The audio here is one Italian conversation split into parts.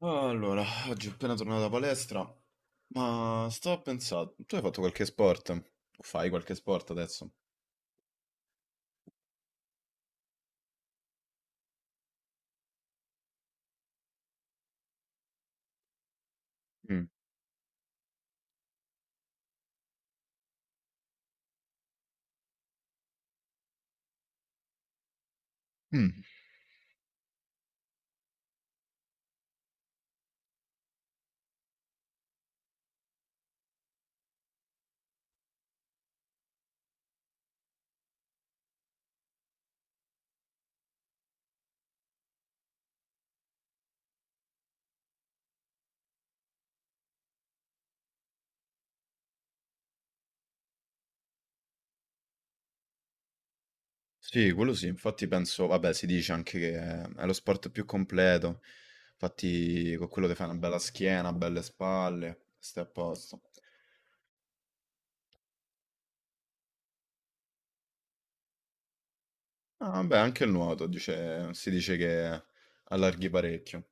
Allora, oggi ho appena tornato da palestra, ma stavo a pensare, tu hai fatto qualche sport? O fai qualche sport adesso? Mm. Mm. Sì, quello sì, infatti penso, vabbè, si dice anche che è lo sport più completo, infatti con quello ti fai una bella schiena, belle spalle, stai a posto. Ah, beh, anche il nuoto si dice che allarghi parecchio.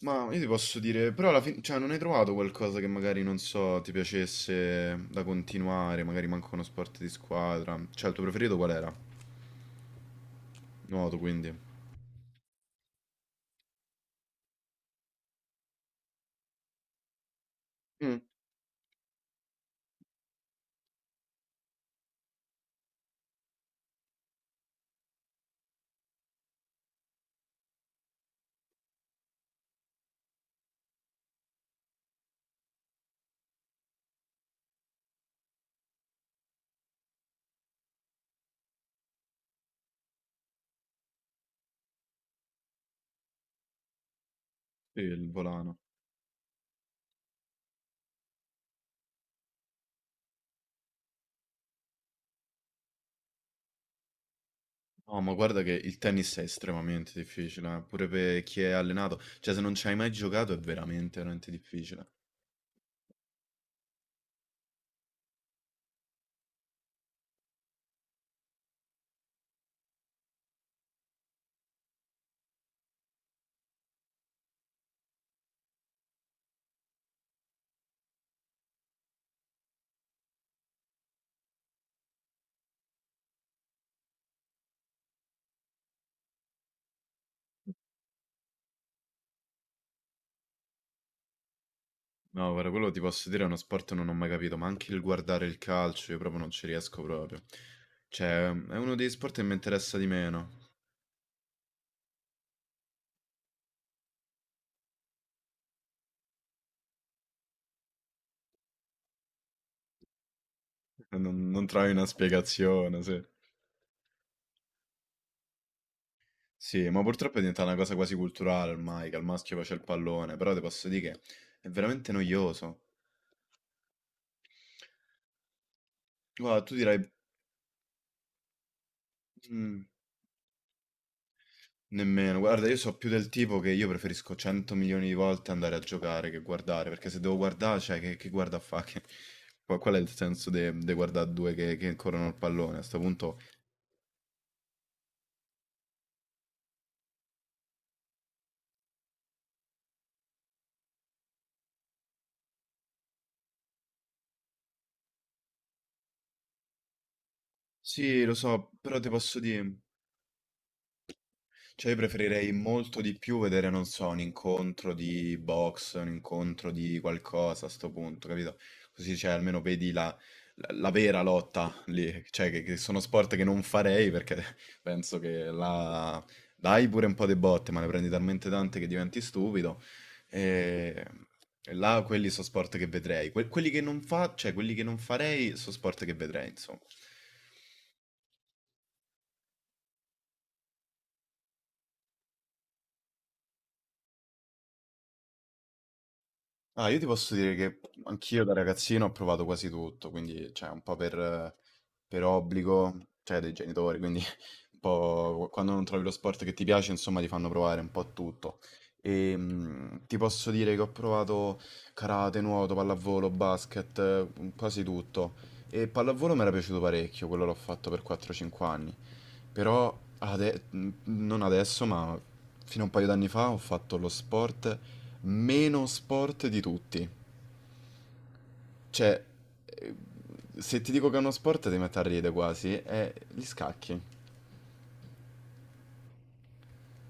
Ma io ti posso dire, però alla fine, cioè, non hai trovato qualcosa che magari, non so, ti piacesse da continuare, magari manco uno sport di squadra. Cioè, il tuo preferito qual era? Nuoto, quindi. Mm. Sì, il volano. No, ma guarda che il tennis è estremamente difficile, pure per chi è allenato. Cioè, se non ci hai mai giocato è veramente, veramente difficile. No, guarda, quello ti posso dire è uno sport che non ho mai capito, ma anche il guardare il calcio io proprio non ci riesco proprio. Cioè, è uno degli sport che mi interessa di meno. Non trovi una spiegazione, sì. Sì, ma purtroppo è diventata una cosa quasi culturale ormai, che al maschio faccia il pallone, però ti posso dire che è veramente noioso. Guarda, tu dirai, "Mm, nemmeno, guarda, io so più del tipo che io preferisco 100 milioni di volte andare a giocare che guardare, perché se devo guardare, cioè, che guarda a fa? Qual, qual è il senso di guardare due che corrono il pallone? A sto punto, sì, lo so, però ti posso dire, cioè, io preferirei molto di più vedere, non so, un incontro di box, un incontro di qualcosa a sto punto, capito? Così, cioè, almeno vedi la vera lotta lì, cioè, che sono sport che non farei perché penso che la... dai pure un po' di botte, ma ne prendi talmente tante che diventi stupido. E, e là quelli sono sport che vedrei. Quelli che non fa, cioè, quelli che non farei sono sport che vedrei, insomma. Ah, io ti posso dire che anch'io da ragazzino ho provato quasi tutto, quindi cioè, un po' per obbligo, cioè dei genitori, quindi un po' quando non trovi lo sport che ti piace, insomma, ti fanno provare un po' tutto. E ti posso dire che ho provato karate, nuoto, pallavolo, basket, quasi tutto. E pallavolo mi era piaciuto parecchio, quello l'ho fatto per 4-5 anni. Però non adesso, ma fino a un paio d'anni fa ho fatto lo sport meno sport di tutti. Cioè, eh, se ti dico che è uno sport ti metti a ridere quasi, è gli scacchi.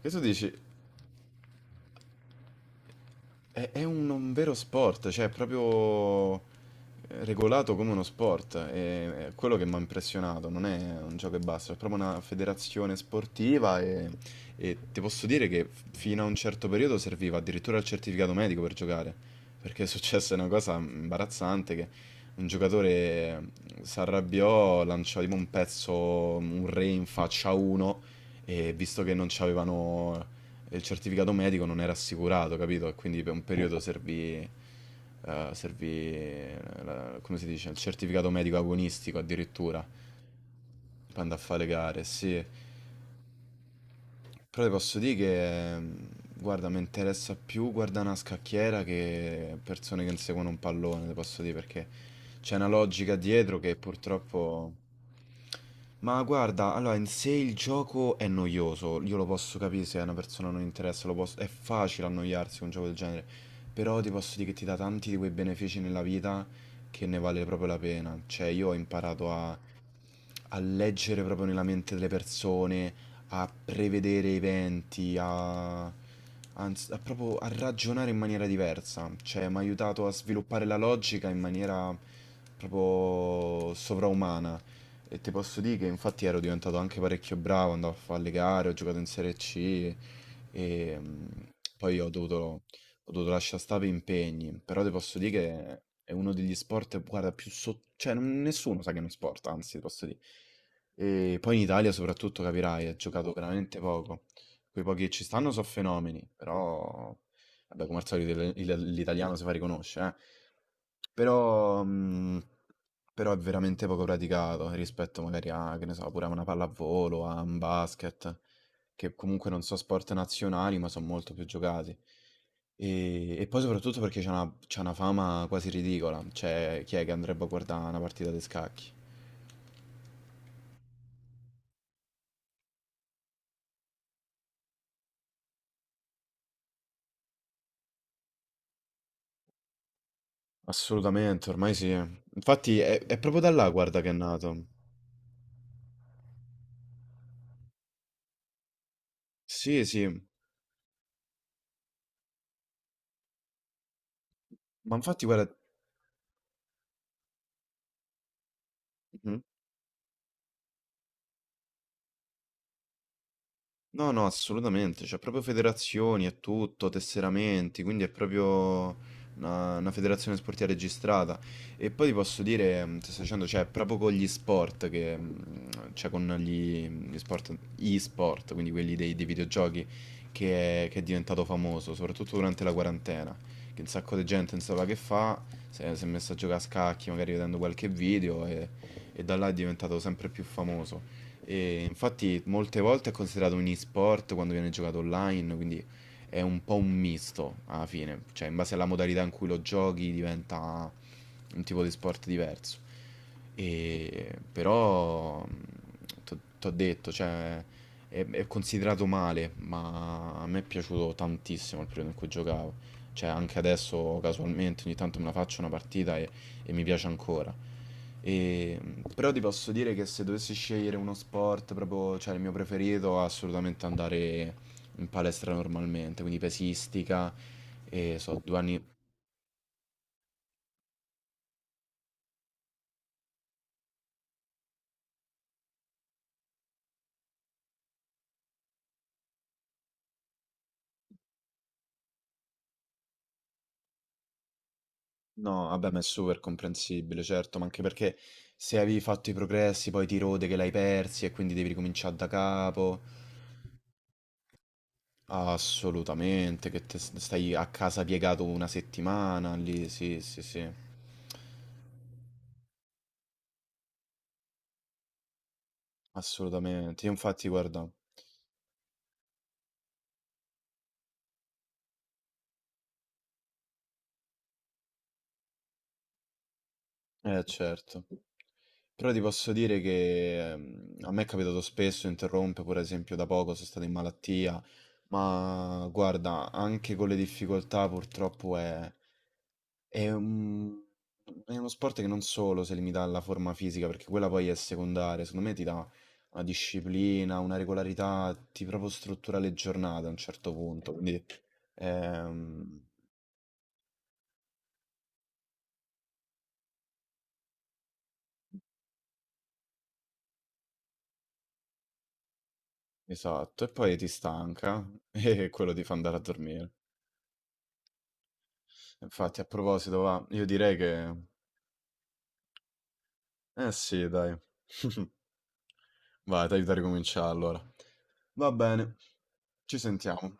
Che tu dici, è un vero sport, cioè è proprio regolato come uno sport, è quello che mi ha impressionato, non è un gioco e basta, è proprio una federazione sportiva e ti posso dire che fino a un certo periodo serviva addirittura il certificato medico per giocare, perché è successa una cosa imbarazzante che un giocatore si arrabbiò, lanciò tipo un pezzo, un re in faccia a uno e visto che non c'avevano e il certificato medico non era assicurato, capito? E quindi per un periodo servì, servì come si dice, il certificato medico agonistico addirittura, per andare a fare le gare, sì. Però ti posso dire che, guarda, mi interessa più guardare una scacchiera che persone che inseguono un pallone, ti posso dire, perché c'è una logica dietro che purtroppo... Ma guarda, allora in sé il gioco è noioso, io lo posso capire se a una persona non interessa, è facile annoiarsi con un gioco del genere, però ti posso dire che ti dà tanti di quei benefici nella vita che ne vale proprio la pena, cioè io ho imparato a, a leggere proprio nella mente delle persone, a prevedere eventi, a, a proprio a ragionare in maniera diversa. Cioè, mi ha aiutato a sviluppare la logica in maniera proprio sovraumana. E ti posso dire che infatti ero diventato anche parecchio bravo, andavo a fare le gare, ho giocato in Serie C e poi ho dovuto lasciare stare per impegni, però ti posso dire che è uno degli sport, guarda, più sotto... cioè nessuno sa che è uno sport, anzi, ti posso dire. E poi in Italia soprattutto, capirai, è giocato veramente poco. Quei pochi che ci stanno sono fenomeni, però... Vabbè, come al solito l'italiano si fa riconoscere, eh. Però, mm, però è veramente poco praticato rispetto magari a, che ne so, pure a una pallavolo, a un basket, che comunque non sono sport nazionali, ma sono molto più giocati. E poi soprattutto perché c'è una fama quasi ridicola, cioè chi è che andrebbe a guarda' una partita di scacchi? Assolutamente, ormai sì. Infatti è proprio da là, guarda, che è nato. Sì, sì, ma infatti guarda mh. No, no, assolutamente, c'è proprio federazioni e tutto, tesseramenti, quindi è proprio una federazione sportiva registrata. E poi ti posso dire, ti sto dicendo, cioè, proprio con gli sport, che, cioè con gli sport, e-sport, quindi quelli dei, dei videogiochi, che è diventato famoso, soprattutto durante la quarantena, che un sacco di gente non sapeva che fa, si è messa a giocare a scacchi, magari vedendo qualche video, e da là è diventato sempre più famoso. E infatti molte volte è considerato un e-sport quando viene giocato online, quindi è un po' un misto alla fine, cioè in base alla modalità in cui lo giochi diventa un tipo di sport diverso. E però ti ho detto, cioè è considerato male, ma a me è piaciuto tantissimo il periodo in cui giocavo. Cioè anche adesso casualmente ogni tanto me la faccio una partita e mi piace ancora. E, però ti posso dire che se dovessi scegliere uno sport proprio, cioè il mio preferito, assolutamente andare in palestra normalmente, quindi pesistica, e so, 2 anni... No, vabbè, ma è super comprensibile, certo, ma anche perché se avevi fatto i progressi poi ti rode che l'hai persi e quindi devi ricominciare da capo. Assolutamente, che te stai a casa piegato 1 settimana lì, sì, sì, sì, assolutamente. Io infatti, guarda. Eh certo, però ti posso dire che a me è capitato spesso, interrompe, per esempio da poco sono stato in malattia, ma guarda, anche con le difficoltà purtroppo è è uno sport che non solo si limita alla forma fisica, perché quella poi è secondaria, secondo me ti dà una disciplina, una regolarità, ti proprio struttura le giornate a un certo punto, quindi ehm, esatto, e poi ti stanca e quello ti fa andare a dormire. Infatti, a proposito, va, io direi che... Eh sì, dai. Vai, ti aiuto a ricominciare allora. Va bene, ci sentiamo.